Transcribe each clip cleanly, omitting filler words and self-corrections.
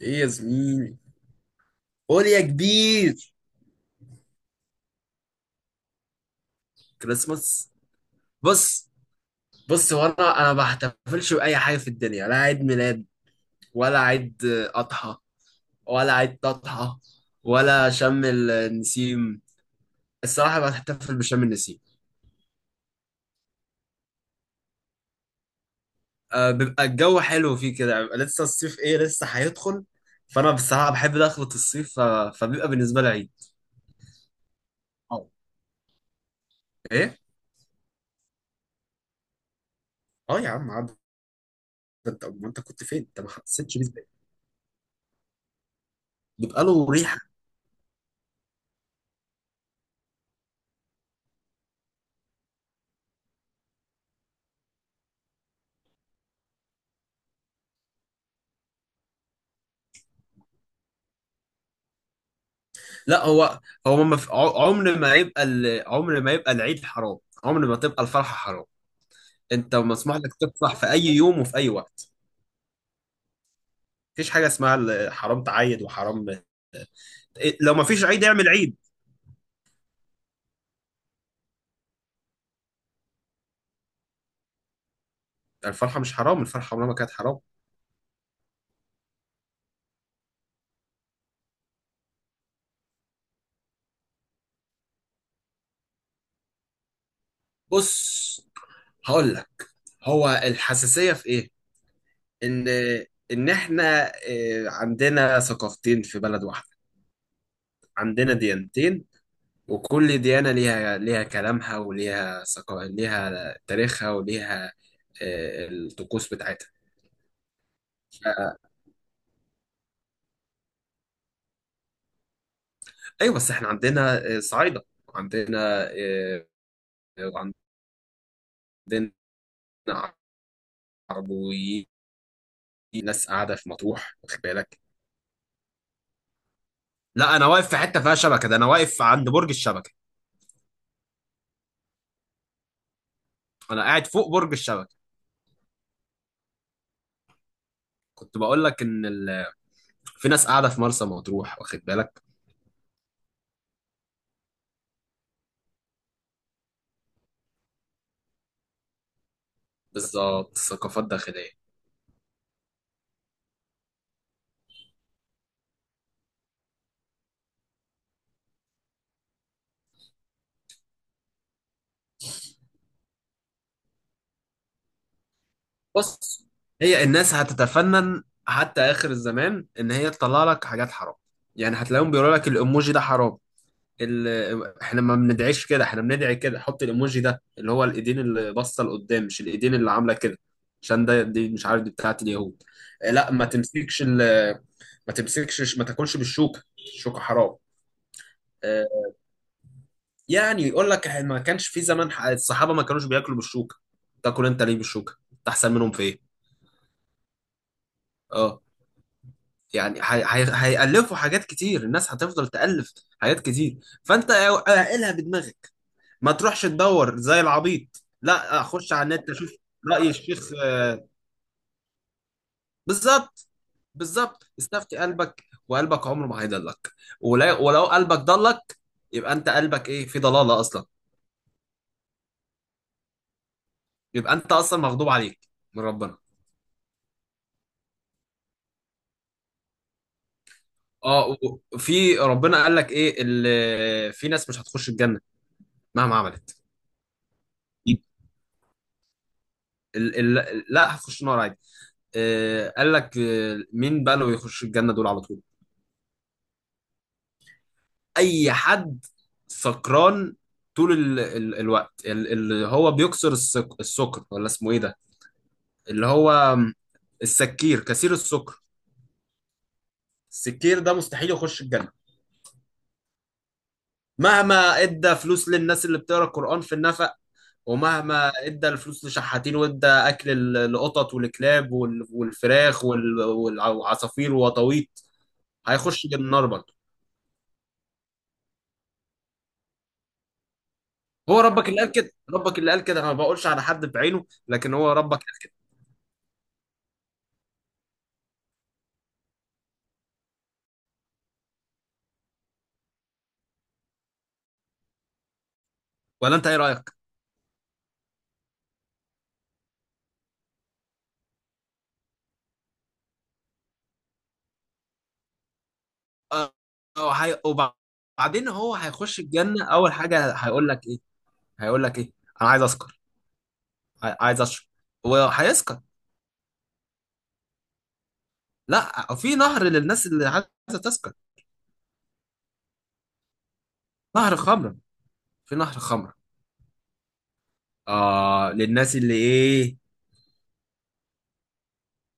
ايه يا زميلي. قول يا كبير. كريسماس؟ بص بص، هو انا ما بحتفلش باي حاجه في الدنيا، لا عيد ميلاد ولا عيد اضحى ولا عيد تضحى ولا شم النسيم. الصراحه بحتفل بشم النسيم. أه، بيبقى الجو حلو فيه كده، بيبقى لسه الصيف ايه لسه هيدخل، فانا بصراحه بحب دخلة الصيف فبيبقى بالنسبه لي عيد. اه. ايه. اه يا عم عاد، انت ما انت كنت فين، انت ما حسيتش بيه ازاي؟ بيبقى له ريحه. لا هو، هو ما في- ع- عمر ما يبقى عمر ما يبقى العيد حرام، عمر ما تبقى الفرحة حرام. انت مسموح لك تفرح في اي يوم وفي اي وقت. مفيش حاجة اسمها حرام تعيد وحرام. لو مفيش عيد اعمل عيد. الفرحة مش حرام، الفرحة عمرها ما كانت حرام. بص هقول لك، هو الحساسية في ايه؟ ان ان احنا عندنا ثقافتين في بلد واحدة، عندنا ديانتين، وكل ديانة ليها كلامها، وليها ليها تاريخها وليها الطقوس بتاعتها. آه، ايوه بس احنا عندنا صعايدة، عندنا آه، عندنا عربويين، ناس قاعدة في مطروح واخد بالك. لا انا واقف في حتة فيها شبكة، ده انا واقف عند برج الشبكة، انا قاعد فوق برج الشبكة. كنت بقول لك ان في ناس قاعدة في مرسى مطروح واخد بالك. بالظبط، ثقافات داخلية. بس هي الناس هتتفنن حتى اخر الزمان ان هي تطلع لك حاجات حرام. يعني هتلاقيهم بيقولوا لك الايموجي ده حرام، احنا ما بندعيش كده، احنا بندعي كده، حط الايموجي ده اللي هو الايدين اللي باصه لقدام، مش الايدين اللي عامله كده، عشان ده دي مش عارف دي بتاعت اليهود. لا ما تمسكش، ما تاكلش بالشوكه، الشوكه حرام. آه، يعني يقول لك إحنا ما كانش في زمان الصحابه ما كانوش بياكلوا بالشوكه، تاكل انت ليه بالشوكه، تحسن منهم في ايه؟ اه، يعني هيألفوا حاجات كتير، الناس هتفضل تألف حاجات كتير. فانت اعقلها بدماغك، ما تروحش تدور زي العبيط، لا اخش على النت اشوف رأي الشيخ. بالظبط، بالظبط، استفتي قلبك، وقلبك عمره ما هيضلك. ولو قلبك ضلك، يبقى انت قلبك ايه في ضلالة اصلا، يبقى انت اصلا مغضوب عليك من ربنا. اه، وفي ربنا قال لك ايه اللي في ناس مش هتخش الجنة مهما عملت؟ لا هتخش النار عادي. قال لك مين بقى اللي بيخش الجنة دول على طول؟ أي حد سكران طول ال ال الوقت، اللي هو بيكسر السكر، ولا اسمه ايه ده، اللي هو السكير كثير السكر، السكير ده مستحيل يخش الجنة، مهما ادى فلوس للناس اللي بتقرا القرآن في النفق، ومهما ادى الفلوس لشحاتين، وادى اكل القطط والكلاب والفراخ والعصافير وطاويط، هيخش النار برضه. هو ربك اللي قال كده، ربك اللي قال كده، انا ما بقولش على حد بعينه لكن هو ربك. ولا انت ايه رايك؟ آه، وبعدين هو هيخش الجنه اول حاجه هيقول لك ايه، هيقول لك ايه، انا عايز اسكر، عايز اشرب، وهيسكر. لا، في نهر للناس اللي عايزه تسكر، نهر خمره، في نهر خمره. اه للناس اللي ايه،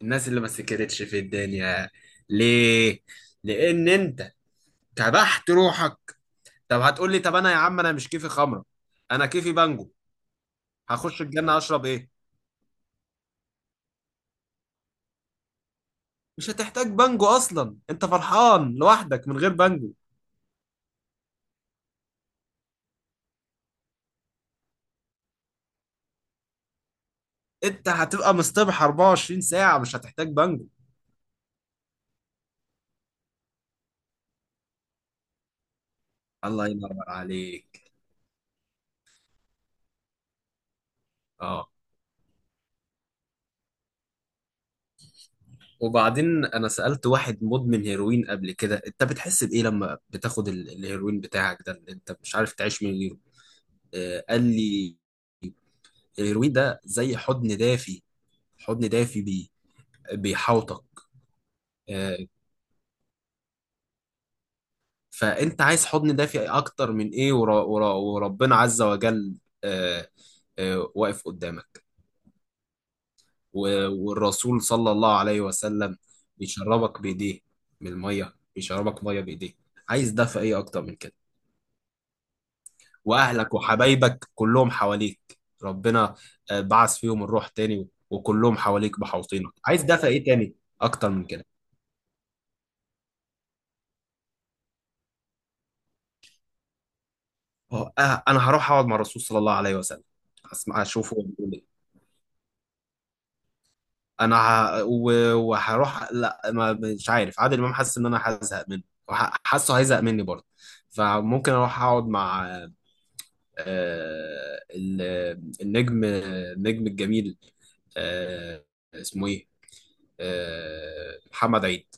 الناس اللي ما سكرتش في الدنيا. ليه؟ لان انت كبحت روحك. طب هتقول لي طب انا يا عم انا مش كيفي خمره، انا كيفي بانجو، هخش الجنة اشرب ايه؟ مش هتحتاج بانجو اصلا، انت فرحان لوحدك من غير بانجو، انت هتبقى مصطبح 24 ساعة مش هتحتاج بانجو. الله ينور عليك. اه. وبعدين انا سألت واحد مدمن هيروين قبل كده، انت بتحس بايه لما بتاخد الهيروين بتاعك ده اللي انت مش عارف تعيش من غيره؟ آه قال لي الهيروين ده زي حضن دافي، حضن دافي بيحوطك. آه، فانت عايز حضن دافئ اكتر من ايه، ورا، وربنا عز وجل آه، واقف قدامك، والرسول صلى الله عليه وسلم بيشربك بايديه من الميه، بيشربك ميه بايديه. عايز دافئ ايه اكتر من كده؟ واهلك وحبايبك كلهم حواليك، ربنا بعث فيهم الروح تاني وكلهم حواليك محوطينك، عايز دافئ ايه تاني اكتر من كده؟ آه، انا هروح اقعد مع الرسول صلى الله عليه وسلم، اسمع اشوفه. انا ه... و- وهروح، لا ما مش عارف عادل امام، حاسس ان انا هزهق منه، حاسه هيزهق مني برضه، فممكن اروح اقعد مع آه، ال- النجم الجميل، آه، اسمه ايه، محمد عيد.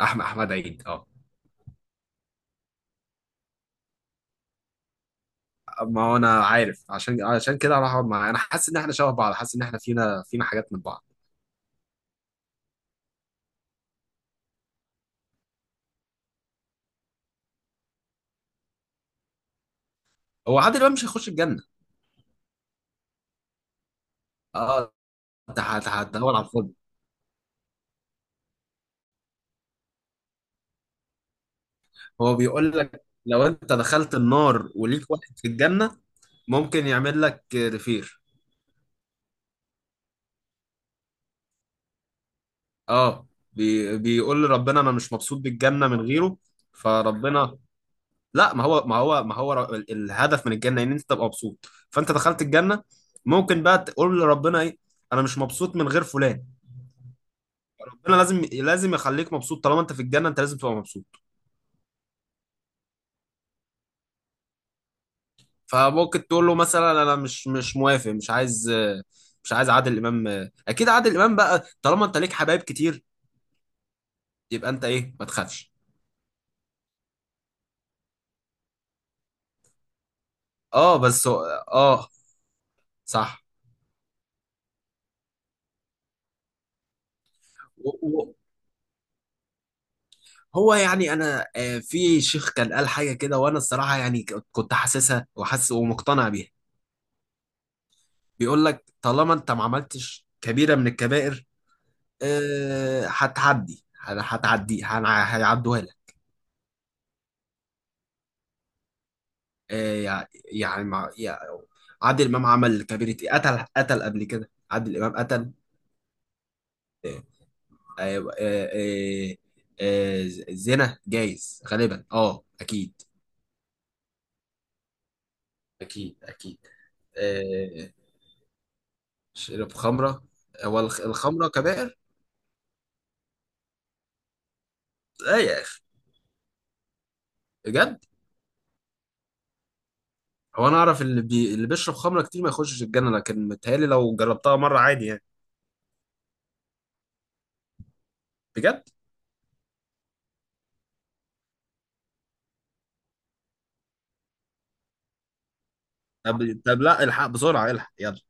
احمد عيد اه. ما هو انا عارف، عشان كده هروح اقعد معاه، انا حاسس ان احنا شبه بعض، حاسس ان احنا فينا حاجات من بعض. هو عادل امام مش هيخش الجنه؟ اه، انت هتدور على الفاضي. هو بيقول لك لو انت دخلت النار وليك واحد في الجنة ممكن يعمل لك ريفير. اه، بيقول لربنا انا مش مبسوط بالجنة من غيره. فربنا، لا ما هو ما هو ما هو ر- ال- الهدف من الجنة ان انت تبقى مبسوط، فانت دخلت الجنة ممكن بقى تقول لربنا ايه، انا مش مبسوط من غير فلان. ربنا لازم يخليك مبسوط، طالما انت في الجنة انت لازم تبقى مبسوط. فممكن تقول له مثلا انا مش موافق، مش عايز، مش عايز عادل امام. اكيد عادل امام بقى، طالما انت ليك حبايب كتير يبقى انت ايه ما تخافش. اه بس هو، اه. صح. و- و- هو يعني انا في شيخ كان قال حاجه كده وانا الصراحه يعني كنت حاسسها وحاسس ومقتنع بيها. بيقول لك طالما انت ما عملتش كبيره من الكبائر، هيعدوها لك. آه، يعني مع يعني، عادل امام عمل كبيرة إيه؟ قتل قبل كده، عادل امام قتل. آه، آه، آه، آه، زنا جايز غالبا، اه اكيد، اكيد اكيد. آه، شرب خمره، هو الخمره كبائر؟ لا يا اخي، بجد، هو انا اعرف اللي بيشرب خمره كتير ما يخشش الجنه، لكن متهيألي لو جربتها مره عادي يعني. بجد. طب طب لا، الحق بسرعه، الحق يلا.